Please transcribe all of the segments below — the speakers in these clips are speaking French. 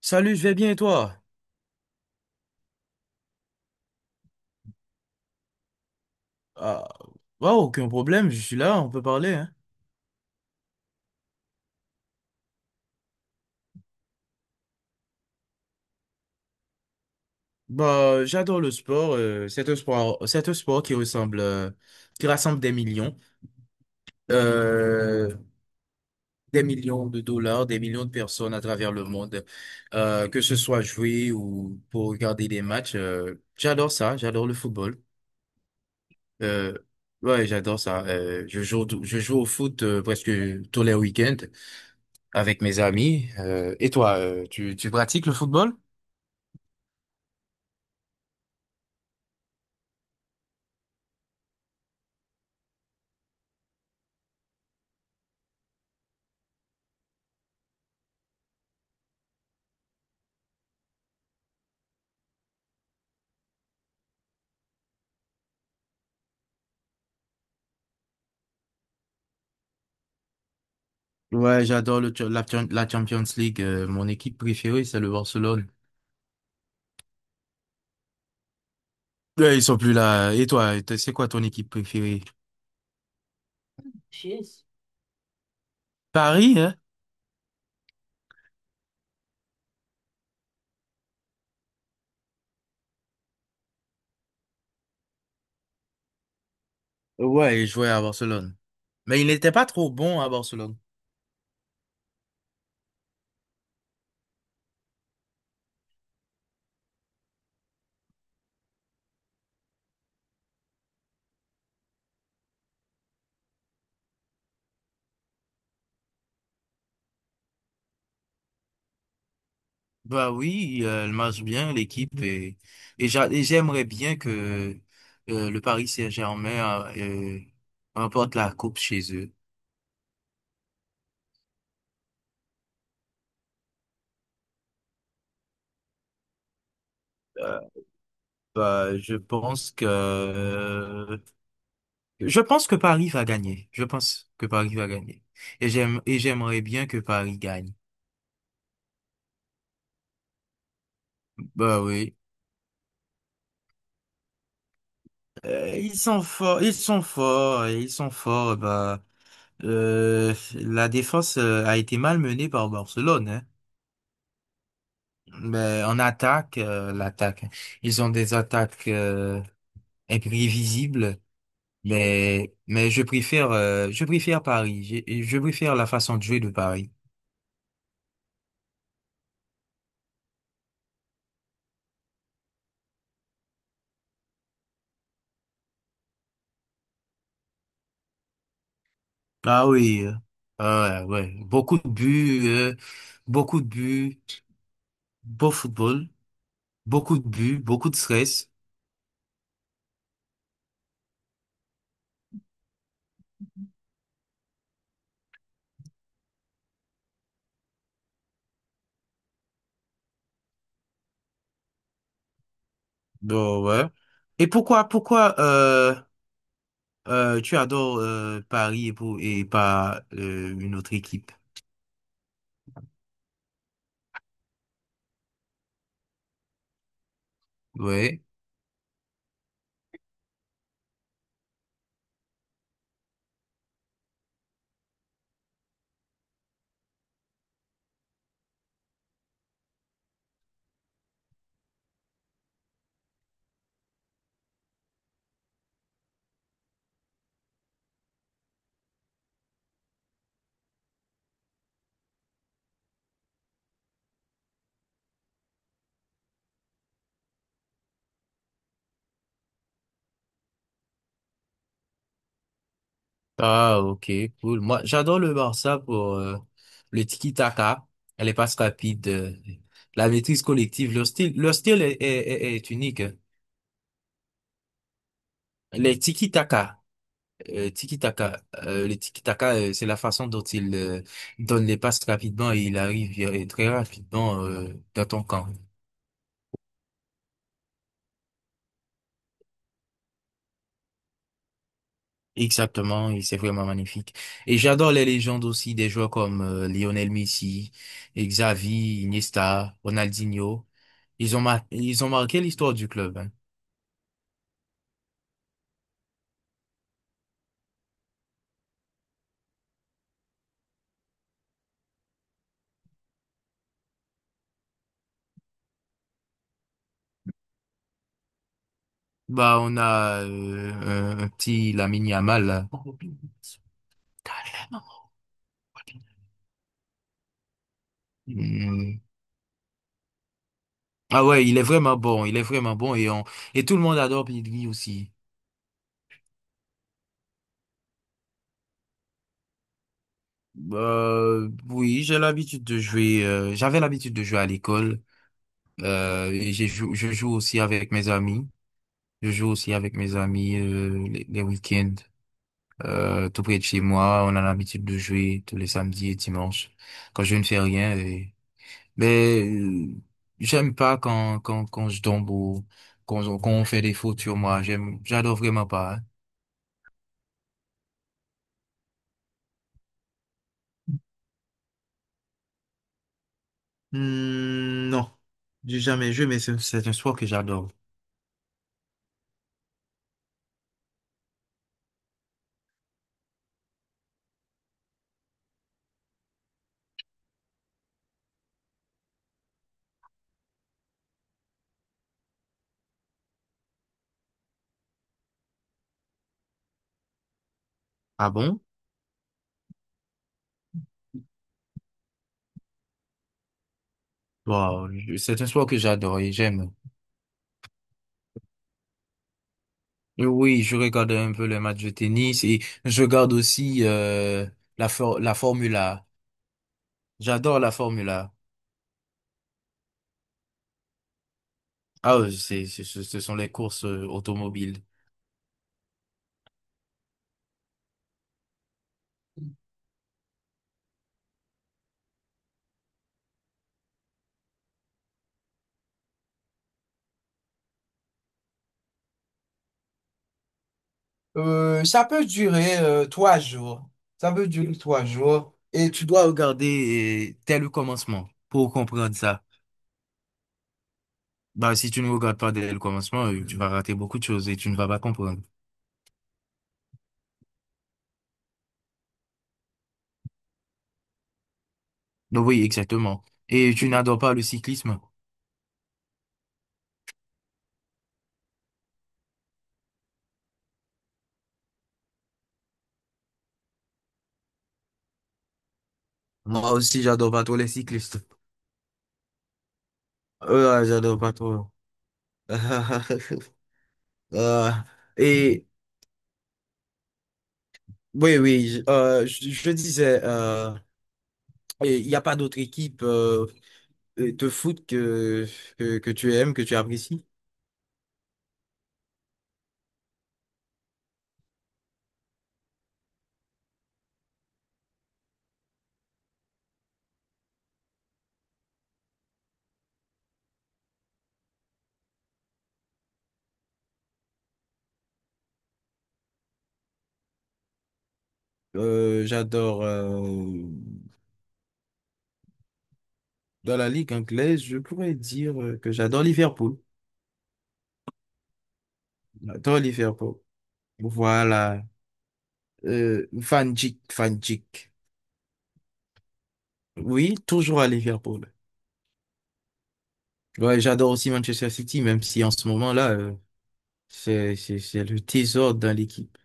Salut, je vais bien et toi? Ah, bah, aucun problème, je suis là, on peut parler, hein. Bah, j'adore le sport, c'est un sport, c'est un sport qui ressemble, qui rassemble euh, des millions de dollars, des millions de personnes à travers le monde, que ce soit jouer ou pour regarder des matchs. J'adore ça, j'adore le football. Euh, ouais, j'adore ça. Je joue, je joue au foot, presque tous les week-ends avec mes amis. Et toi, tu pratiques le football? Ouais, j'adore la Champions League. Mon équipe préférée, c'est le Barcelone. Ouais, ils sont plus là. Et toi, c'est quoi ton équipe préférée? Paris, hein? Ouais, il jouait à Barcelone. Mais il n'était pas trop bon à Barcelone. Bah oui, elle marche bien, l'équipe. Et j'aimerais bien que le Paris Saint-Germain remporte la coupe chez eux. Bah, je pense que Paris va gagner. Je pense que Paris va gagner. Et j'aimerais bien que Paris gagne. Bah oui. Ils sont forts, ils sont forts, et ils sont forts. Bah la défense a été malmenée par Barcelone, hein. Mais en attaque, ils ont des attaques imprévisibles. Mais je préfère Paris. Je préfère la façon de jouer de Paris. Ah oui, ouais, ouais, beaucoup de buts, beau football, beaucoup de buts, beaucoup de stress. Bon, ouais. Et pourquoi tu adores Paris et pas une autre équipe? Ouais. Ah, ok, cool. Moi, j'adore le Barça pour le tiki-taka, les passes rapides, la maîtrise collective. Leur style est unique. Les tiki-taka. Le tiki-taka, c'est la façon dont il donne les passes rapidement et il arrive très rapidement dans ton camp. Exactement, et c'est vraiment magnifique. Et j'adore les légendes aussi des joueurs comme Lionel Messi, Xavi, Iniesta, Ronaldinho. Ils ont marqué l'histoire du club, hein. Bah, on a un petit Lamine Yamal là. Hmm. Ah ouais, il est vraiment bon et tout le monde adore Pedri aussi. Oui, j'ai l'habitude de jouer, j'avais l'habitude de jouer à l'école, je joue aussi avec mes amis, je joue aussi avec mes amis, les week-ends, tout près de chez moi, on a l'habitude de jouer tous les samedis et dimanches, quand je ne fais rien, mais j'aime pas quand je tombe, ou quand on fait des fautes sur moi, j'adore vraiment pas. Hmm, non, j'ai jamais joué, mais c'est un sport que j'adore. Ah bon? Wow, c'est un sport que j'adore et j'aime. Et oui, je regarde un peu les matchs de tennis et je regarde aussi la Formule A. J'adore la Formule A. Ah, ce ce sont les courses automobiles. Ça peut durer trois jours. Ça peut durer trois jours. Et tu dois regarder dès le commencement pour comprendre ça. Bah, si tu ne regardes pas dès le commencement, tu vas rater beaucoup de choses et tu ne vas pas comprendre. Donc oui, exactement. Et tu n'adores pas le cyclisme? Moi aussi, j'adore pas trop les cyclistes. J'adore pas trop. Euh, et oui, je disais, il n'y a pas d'autre équipe de foot que tu aimes, que tu apprécies? J'adore dans la ligue anglaise, je pourrais dire que j'adore Liverpool. J'adore Liverpool. Voilà. Van Dijk, Van Dijk. Oui, toujours à Liverpool. Ouais, j'adore aussi Manchester City, même si en ce moment-là, c'est le trésor dans l'équipe.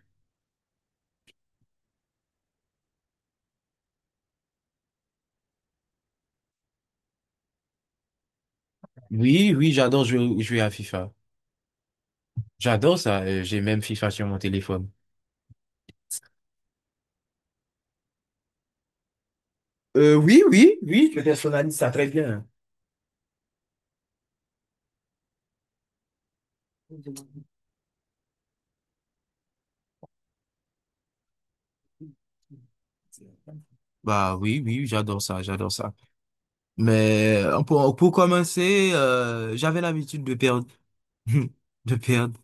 Oui, oui, j'adore jouer à FIFA. J'adore ça. J'ai même FIFA sur mon téléphone. Oui, je personnalise ça très bien. Bah oui, j'adore ça. Mais pour commencer, j'avais l'habitude de perdre, de perdre,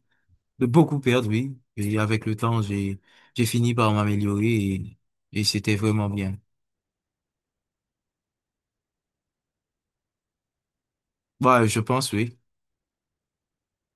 de beaucoup perdre, oui. Et avec le temps, j'ai fini par m'améliorer, et c'était vraiment bien. Bah, je pense, oui.